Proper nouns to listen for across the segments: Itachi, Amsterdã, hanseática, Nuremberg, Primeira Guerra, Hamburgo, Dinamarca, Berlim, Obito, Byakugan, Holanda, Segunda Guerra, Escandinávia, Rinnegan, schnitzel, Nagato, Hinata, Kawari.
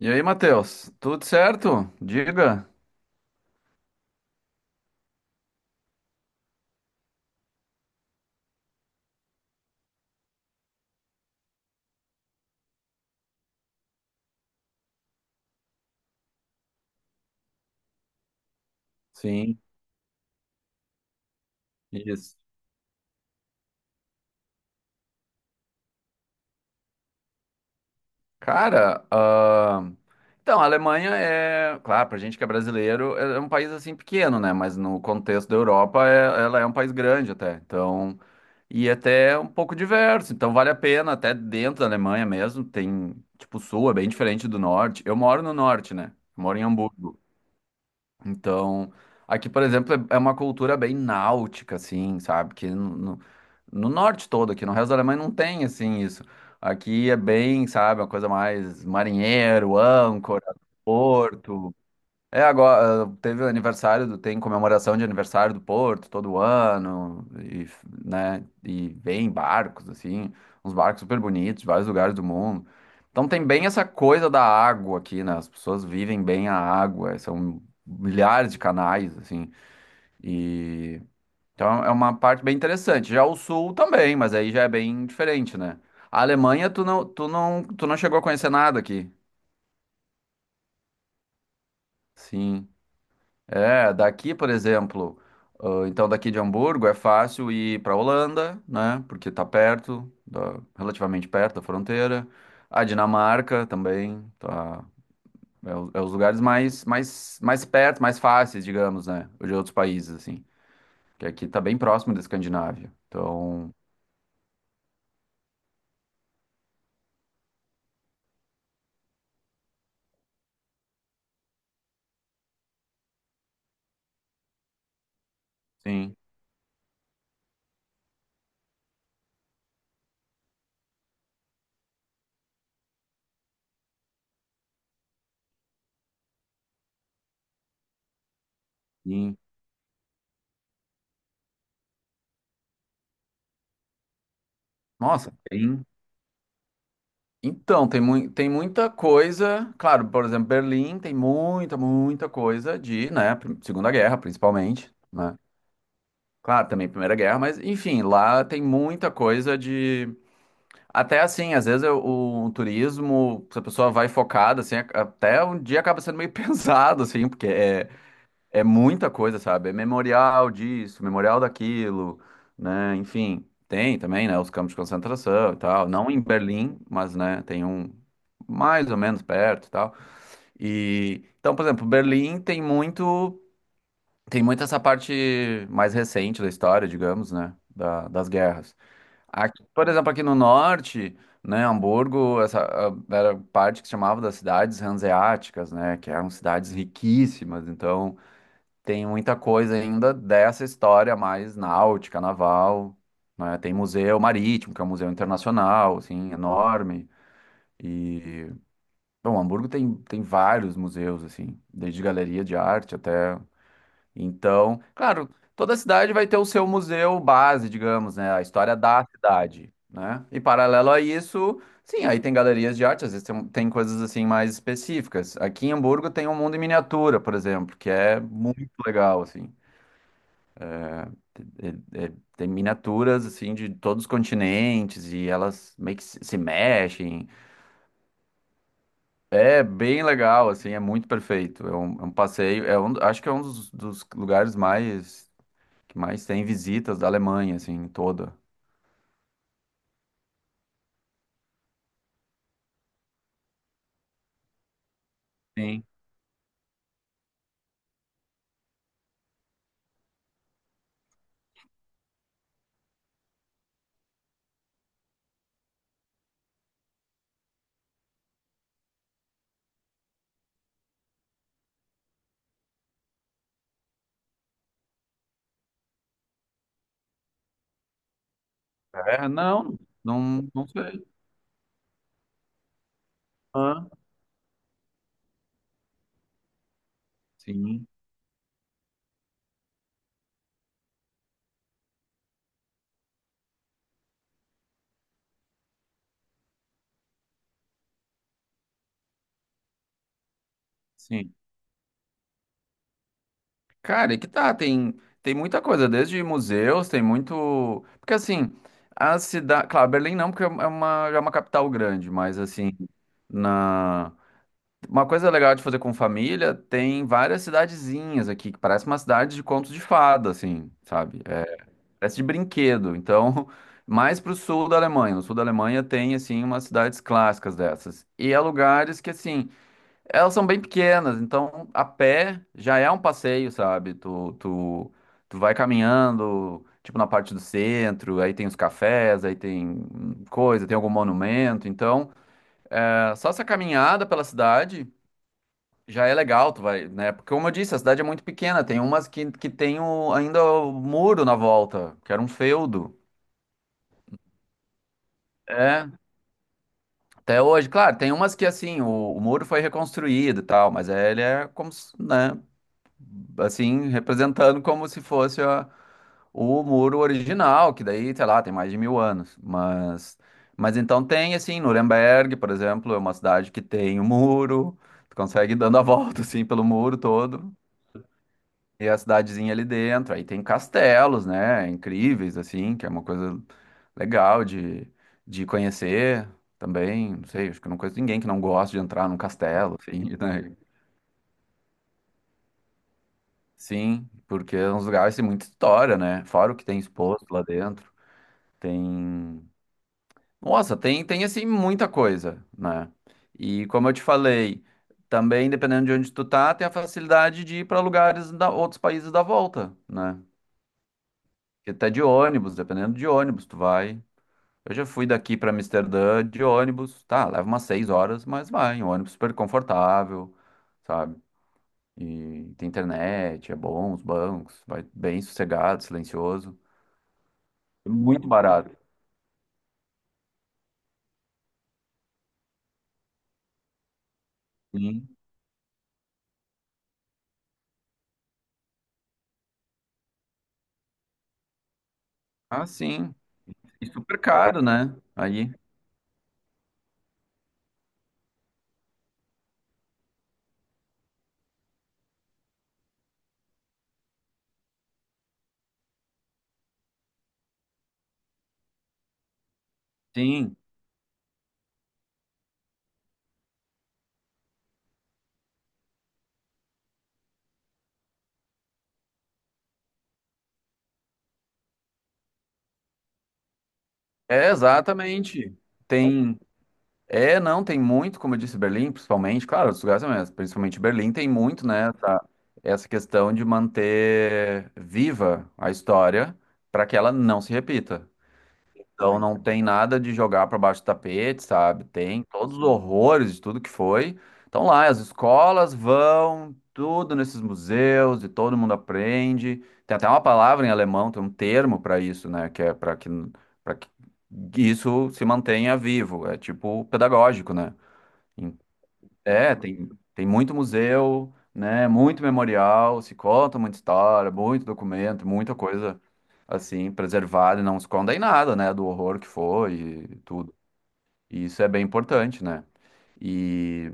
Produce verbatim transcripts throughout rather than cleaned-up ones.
E aí, Matheus, tudo certo? Diga. Sim. Isso. Cara, ahn, então, a Alemanha é, claro, pra gente que é brasileiro, é é um país assim pequeno, né? Mas no contexto da Europa, é- ela é um país grande até. Então, e é até um pouco diverso. Então, vale a pena, até dentro da Alemanha mesmo, tem, tipo, o sul é bem diferente do norte. Eu moro no norte, né? Eu moro em Hamburgo. Então, aqui, por exemplo, é é uma cultura bem náutica, assim, sabe? Que no, no- No norte todo aqui, no resto da Alemanha não tem, assim, isso. Aqui é bem, sabe, uma coisa mais marinheiro, âncora, porto. É, agora ah, teve o aniversário do, tem comemoração de aniversário do Porto todo ano, e, f- né, e vem barcos, assim, uns barcos super bonitos de vários lugares do mundo. Então tem bem essa coisa da água aqui, né? As pessoas vivem bem a água, são milhares de canais, assim, e então é uma parte bem interessante. Já o sul também, mas aí já é bem diferente, né? A Alemanha, tu não, tu não, tu não chegou a conhecer nada aqui. Sim. É, daqui, por exemplo, ah, então daqui de Hamburgo é fácil ir para Holanda, né? Porque tá perto, da- relativamente perto da fronteira. A Dinamarca também, tá, é, o- é os lugares mais, mais, mais perto, mais fáceis, digamos, né? De outros países, assim. Que aqui tá bem próximo da Escandinávia. Então, sim, sim. Nossa, tem. Então, tem, mui- tem muita coisa. Claro, por exemplo, Berlim tem muita, muita coisa de, né? prim- Segunda Guerra, principalmente, né? Claro, também Primeira Guerra, mas enfim, lá tem muita coisa de. Até assim, às vezes eu- o, turismo, se a pessoa vai focada, assim, a- até um dia acaba sendo meio pesado, assim, porque é, é muita coisa, sabe? É memorial disso, memorial daquilo, né? Enfim, tem também, né? Os campos de concentração e tal. Não em Berlim, mas, né, tem um mais ou menos perto e tal. E, então, por exemplo, Berlim tem muito. Tem muito essa parte mais recente da história, digamos, né? da- das guerras. Aqui, por exemplo, aqui no norte, né, Hamburgo, essa ah, era parte que se chamava das cidades hanseáticas, né, que eram cidades riquíssimas. Então, tem muita coisa ainda dessa história mais náutica, naval, né? Tem museu marítimo, que é um museu internacional, assim, enorme. E, bom, Hamburgo tem, tem vários museus, assim, desde galeria de arte até então, claro, toda cidade vai ter o seu museu base, digamos, né? A história da cidade, né? E paralelo a isso, sim, aí tem galerias de arte, às vezes tem, um, tem coisas assim mais específicas. Aqui em Hamburgo tem um mundo em miniatura, por exemplo, que é muito legal, assim. É- é- Tem miniaturas, assim, de todos os continentes e elas meio que se se mexem. É bem legal, assim, é muito perfeito. É um, é um passeio, é um, acho que é um dos dos lugares mais que mais tem visitas da Alemanha, assim, toda. Sim. É, não, não, não sei. Ah, sim, sim. Cara, e que tá, tem, tem muita coisa, desde museus, tem muito. Porque assim, a cidade. Claro, Berlim não, porque é uma, já é uma capital grande, mas assim, na. Uma coisa legal de fazer com família, tem várias cidadezinhas aqui, que parece uma cidade de contos de fada, assim, sabe? Parece de brinquedo. Então, mais para o sul da Alemanha. No sul da Alemanha tem, assim, umas cidades clássicas dessas. E há lugares que, assim, elas são bem pequenas. Então, a pé já é um passeio, sabe? Tu, tu, tu vai caminhando, tipo, na parte do centro. Aí tem os cafés, aí tem hum, coisa, tem algum monumento. Então, é, só essa caminhada pela cidade... Já é legal, tu vai, né? Porque, como eu disse, a cidade é muito pequena. Tem umas que, que tem o, ainda o muro na volta, que era um feudo. É, até hoje, claro, tem umas que assim, o, o muro foi reconstruído e tal, mas ele é como, se, né, assim, representando como se fosse a- o muro original, que daí, sei lá, tem mais de mil anos. Mas, mas então tem, assim, Nuremberg, por exemplo, é uma cidade que tem o muro, tu consegue ir dando a volta, assim, pelo muro todo. E a cidadezinha ali dentro. Aí tem castelos, né? Incríveis, assim, que é uma coisa legal de, de conhecer também. Não sei, acho que eu não conheço ninguém que não gosta de entrar num castelo, assim, né? Sim, porque é uns lugares que tem muita história, né? Fora o que tem exposto lá dentro. Tem. Nossa, tem, tem assim, muita coisa, né? E como eu te falei, também dependendo de onde tu tá, tem a facilidade de ir para lugares da outros países da volta, né? Porque tá de ônibus, dependendo de ônibus, tu vai. Eu já fui daqui pra Amsterdã de ônibus, tá, leva umas seis horas, mas vai, um ônibus super confortável, sabe? E tem internet, é bom, os bancos, vai bem sossegado, silencioso. É muito barato. Sim. Ah, sim. E super caro, né? Aí, sim. É, exatamente. Tem. É, não, tem muito, como eu disse, Berlim, principalmente, claro, os lugares mesmo, principalmente Berlim tem muito, né? Essa questão de manter viva a história para que ela não se repita. Então não tem nada de jogar para baixo do tapete, sabe? Tem todos os horrores de tudo que foi. Então lá as escolas vão tudo nesses museus e todo mundo aprende. Tem até uma palavra em alemão, tem um termo para isso, né, que é para que para que isso se mantenha vivo, é tipo pedagógico, né? É, tem, tem muito museu, né? Muito memorial, se conta muita história, muito documento, muita coisa assim preservada e não se conta em nada, né? Do horror que foi e tudo. E isso é bem importante, né? E,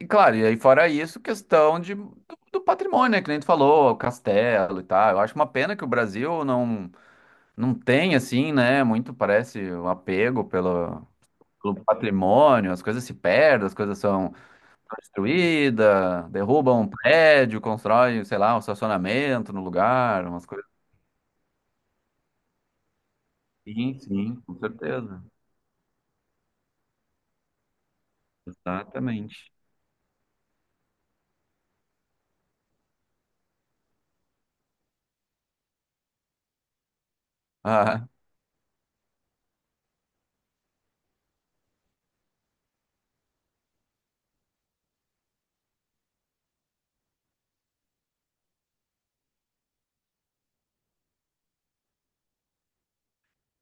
e claro, e aí fora isso, questão de, do, do patrimônio, né? Que nem tu falou, o castelo e tal. Eu acho uma pena que o Brasil não, não tem, assim, né? Muito parece um apego pelo, pelo patrimônio, as coisas se perdem, as coisas são destruída, derruba um prédio, constrói, sei lá, um estacionamento no lugar, umas coisas assim. Sim, com certeza. Exatamente. Ah,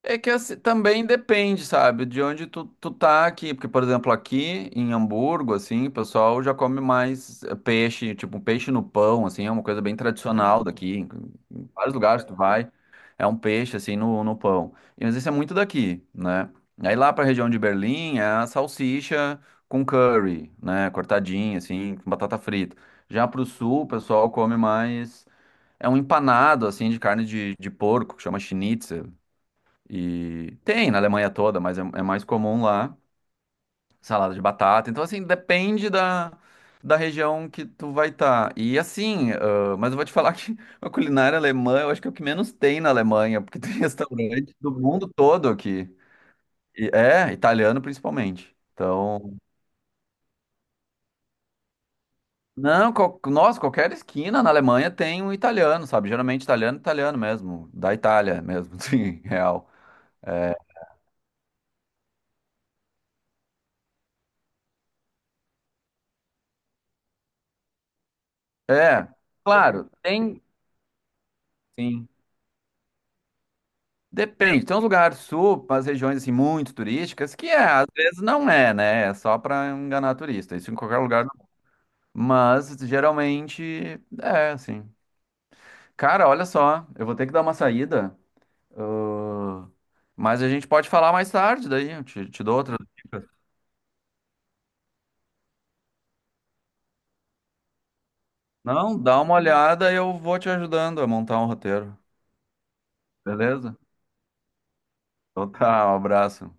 é que assim, também depende, sabe, de onde tu, tu tá aqui. Porque, por exemplo, aqui em Hamburgo, assim, o pessoal já come mais eh, peixe, tipo um peixe no pão, assim, é uma coisa bem tradicional hum, daqui. Em em vários lugares tu vai, é um peixe, assim, no, no pão. E, mas isso é muito daqui, né? Aí lá pra região de Berlim é a salsicha com curry, né, cortadinha, assim, com batata frita. Já pro sul, o pessoal come mais. É um empanado, assim, de carne de, de porco, que chama schnitzel. E tem na Alemanha toda, mas é, é mais comum lá, salada de batata. Então, assim, depende da, da região que tu vai estar. E assim, ah, mas eu vou te falar que a culinária alemã, eu acho que é o que menos tem na Alemanha, porque tem restaurante do mundo todo aqui. E, é, italiano principalmente. Então, não, qual, nossa, qualquer esquina na Alemanha tem um italiano, sabe? Geralmente italiano, italiano mesmo, da Itália mesmo, sim, real. É, é, claro, tem. Sim. Depende, tem uns lugares sul, as regiões assim muito turísticas, que é, às vezes não é, né? É só pra enganar turista, isso em qualquer lugar. Mas geralmente é assim. Cara, olha só, eu vou ter que dar uma saída, ah, mas a gente pode falar mais tarde daí, eu te, te dou outras dicas. Não, dá uma olhada e eu vou te ajudando a montar um roteiro, beleza? Então tá, um abraço.